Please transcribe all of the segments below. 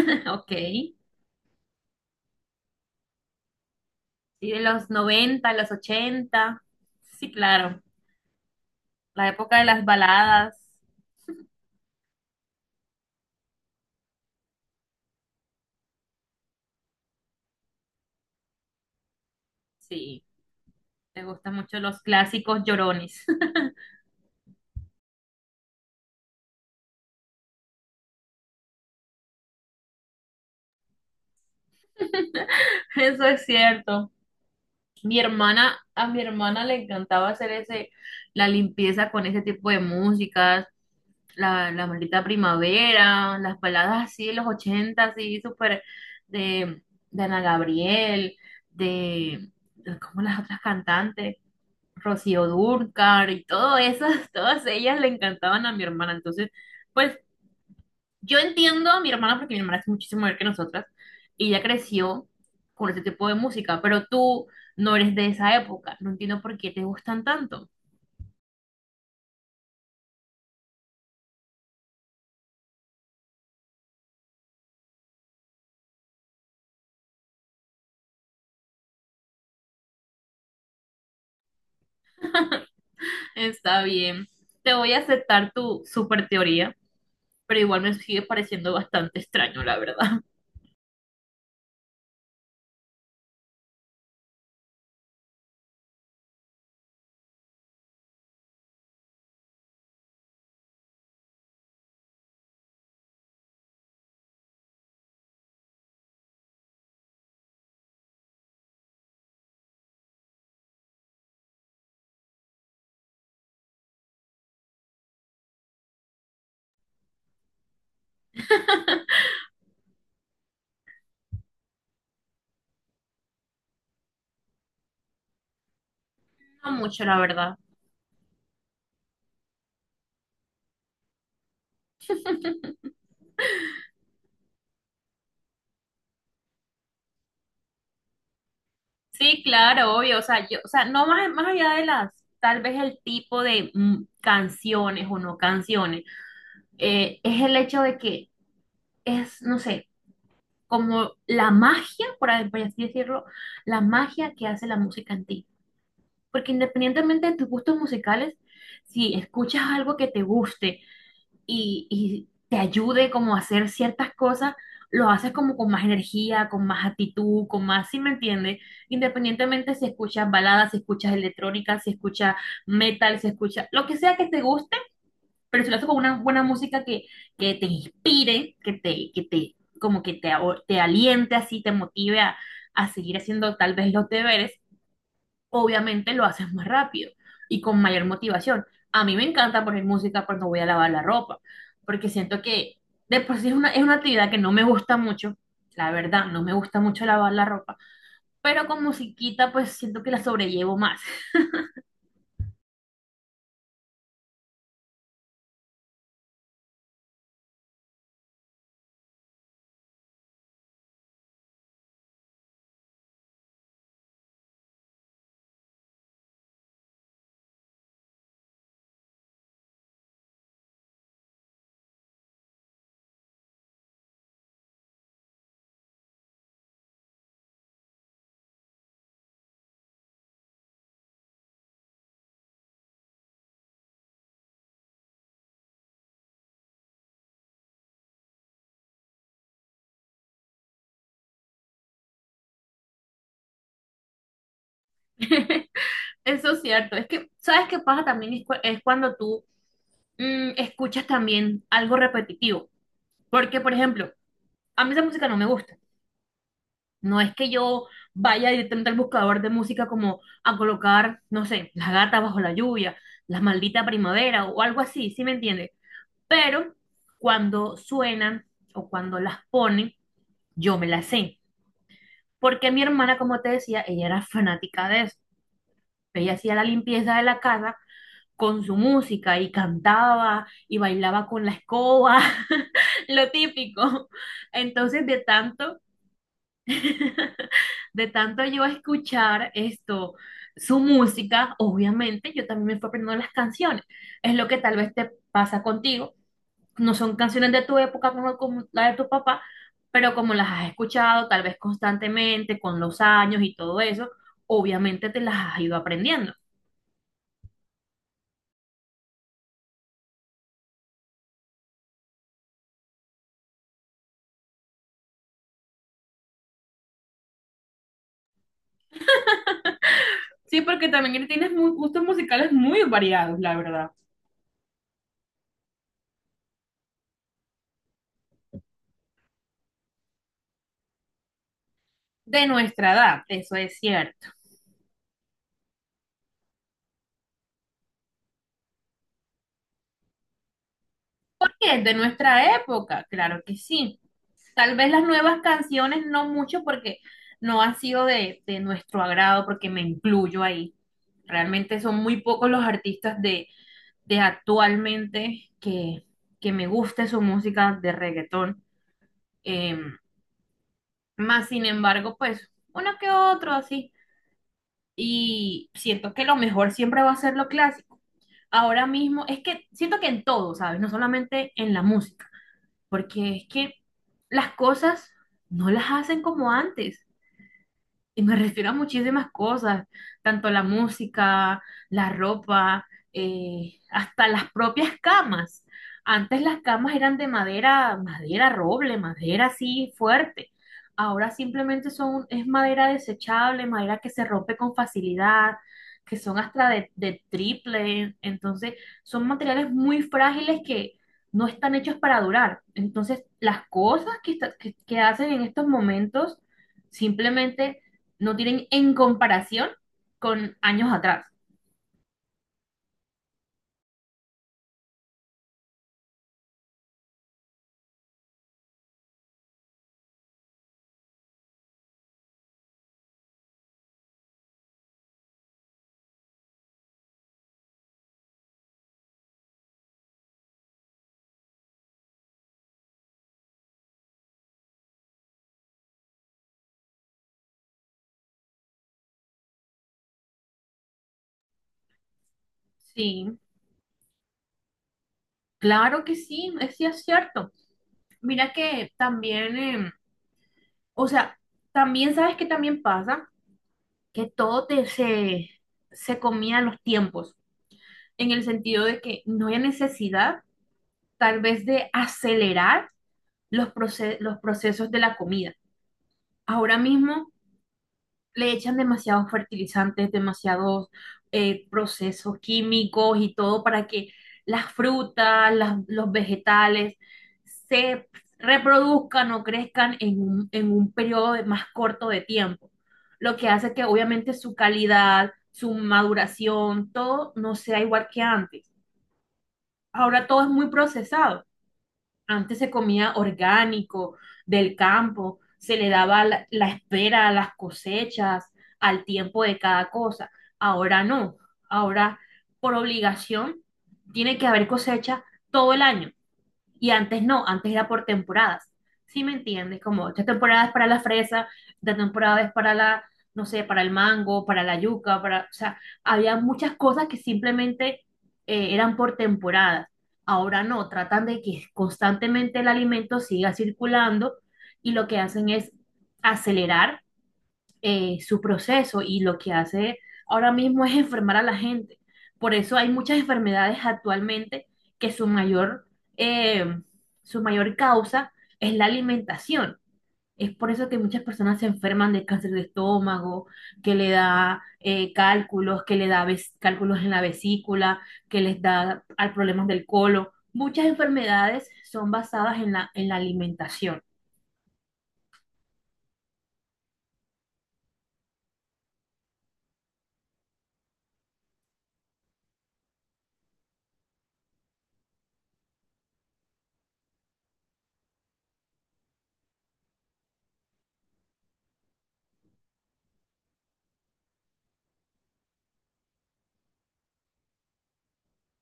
Ok. Sí, de los 90, los ochenta. Sí, claro. La época de las baladas. Sí, me gustan mucho los clásicos llorones. Eso es cierto. Mi hermana, a mi hermana le encantaba la limpieza con ese tipo de músicas, la maldita primavera, las baladas así de los 80, así súper de, de Ana Gabriel, de, ¿cómo las otras cantantes? Rocío Dúrcal y todo esas, todas ellas le encantaban a mi hermana. Entonces, pues yo entiendo a mi hermana porque mi hermana es muchísimo mayor que nosotras y ella creció con ese tipo de música, pero tú no eres de esa época. No entiendo por qué te gustan tanto. Está bien, te voy a aceptar tu super teoría, pero igual me sigue pareciendo bastante extraño, la verdad. No mucho, la verdad. Sí, claro, obvio, o sea, yo, o sea, no más, más allá de las, tal vez el tipo de canciones o no canciones, es el hecho de que es, no sé, como la magia, por así decirlo, la magia que hace la música en ti. Porque independientemente de tus gustos musicales, si escuchas algo que te guste y te ayude como a hacer ciertas cosas, lo haces como con más energía, con más actitud, con más, si me entiendes? Independientemente si escuchas baladas, si escuchas electrónica, si escuchas metal, si escuchas lo que sea que te guste pero si lo haces con una buena música que te inspire, que te, como que te, a- te aliente así, te motive a seguir haciendo tal vez los deberes, obviamente lo haces más rápido y con mayor motivación. A mí me encanta poner música cuando voy a lavar la ropa, porque siento que de por sí es una actividad que no me gusta mucho, la verdad, no me gusta mucho lavar la ropa, pero con musiquita pues siento que la sobrellevo más. Eso es cierto. Es que, ¿sabes qué pasa también? Es cuando tú escuchas también algo repetitivo. Porque, por ejemplo, a mí esa música no me gusta. No es que yo vaya directamente al buscador de música como a colocar, no sé, La gata bajo la lluvia, La maldita primavera o algo así, ¿sí me entiendes? Pero cuando suenan o cuando las ponen, yo me las sé. Porque mi hermana, como te decía, ella era fanática de eso. Ella hacía la limpieza de la casa con su música y cantaba y bailaba con la escoba, lo típico. Entonces, de tanto, de tanto yo escuchar esto, su música, obviamente yo también me fui aprendiendo las canciones. Es lo que tal vez te pasa contigo. No son canciones de tu época como, como la de tu papá, pero como las has escuchado tal vez constantemente, con los años y todo eso, obviamente te las has ido aprendiendo. Sí, porque también tienes muy, gustos musicales muy variados, la verdad. De nuestra edad, eso es cierto. ¿Por qué? De nuestra época, claro que sí. Tal vez las nuevas canciones no mucho porque no ha sido de nuestro agrado, porque me incluyo ahí. Realmente son muy pocos los artistas de actualmente que me guste su música de reggaetón. Eh, Más sin embargo, pues uno que otro así. Y siento que lo mejor siempre va a ser lo clásico. Ahora mismo, es que siento que en todo, ¿sabes? No solamente en la música, porque es que las cosas no las hacen como antes. Y me refiero a muchísimas cosas, tanto la música, la ropa, hasta las propias camas. Antes las camas eran de madera, madera roble, madera así fuerte. Ahora simplemente son, es madera desechable, madera que se rompe con facilidad, que son hasta de triple. Entonces, son materiales muy frágiles que no están hechos para durar. Entonces, las cosas que, que hacen en estos momentos simplemente no tienen en comparación con años atrás. Sí, claro que sí es cierto. Mira que también, o sea, también sabes que también pasa que se, se comía en los tiempos, en el sentido de que no hay necesidad tal vez de acelerar los, los procesos de la comida. Ahora mismo le echan demasiados fertilizantes, demasiados procesos químicos y todo para que las frutas, los vegetales se reproduzcan o crezcan en un periodo más corto de tiempo, lo que hace que obviamente su calidad, su maduración, todo no sea igual que antes. Ahora todo es muy procesado. Antes se comía orgánico, del campo, se le daba la, la espera a las cosechas, al tiempo de cada cosa. Ahora no, ahora por obligación tiene que haber cosecha todo el año. Y antes no, antes era por temporadas. ¿Sí me entiendes? Como esta temporada es para la fresa, esta temporada es para la, no sé, para el mango, para la yuca, para, o sea, había muchas cosas que simplemente eran por temporadas. Ahora no, tratan de que constantemente el alimento siga circulando y lo que hacen es acelerar su proceso y lo que hace ahora mismo es enfermar a la gente. Por eso hay muchas enfermedades actualmente que eh, su mayor causa es la alimentación. Es por eso que muchas personas se enferman de cáncer de estómago, que le da cálculos, que le da cálculos en la vesícula, que les da al problemas del colon. Muchas enfermedades son basadas en la alimentación.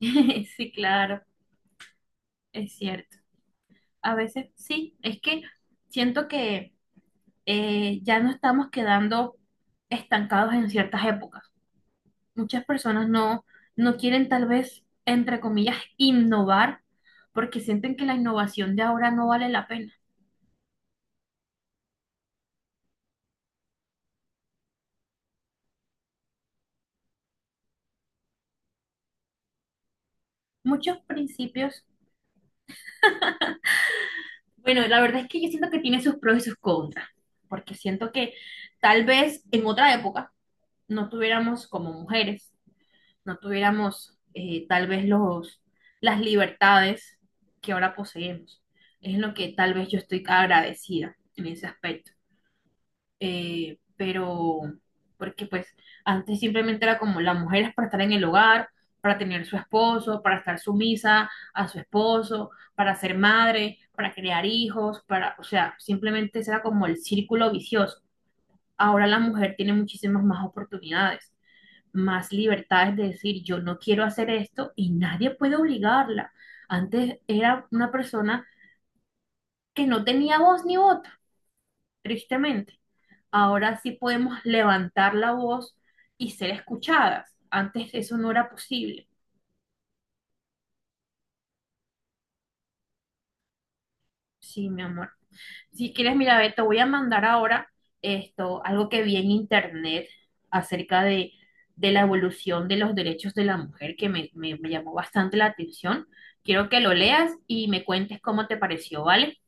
Sí, claro, es cierto. A veces sí, es que siento que ya no estamos quedando estancados en ciertas épocas. Muchas personas no, no quieren tal vez, entre comillas, innovar porque sienten que la innovación de ahora no vale la pena. Muchos principios, bueno, la verdad es que yo siento que tiene sus pros y sus contras, porque siento que tal vez en otra época no tuviéramos como mujeres no tuviéramos tal vez los, las libertades que ahora poseemos. Es en lo que tal vez yo estoy agradecida en ese aspecto. Eh, pero, porque pues antes simplemente era como las mujeres para estar en el hogar, para tener su esposo, para estar sumisa a su esposo, para ser madre, para crear hijos, para, o sea, simplemente ese era como el círculo vicioso. Ahora la mujer tiene muchísimas más oportunidades más libertades de decir yo no quiero hacer esto y nadie puede obligarla. Antes era una persona que no tenía voz ni voto, tristemente. Ahora sí podemos levantar la voz y ser escuchadas. Antes eso no era posible. Sí, mi amor. Si quieres, mira, ve, te voy a mandar ahora esto, algo que vi en internet acerca de la evolución de los derechos de la mujer, que me, me llamó bastante la atención. Quiero que lo leas y me cuentes cómo te pareció, ¿vale?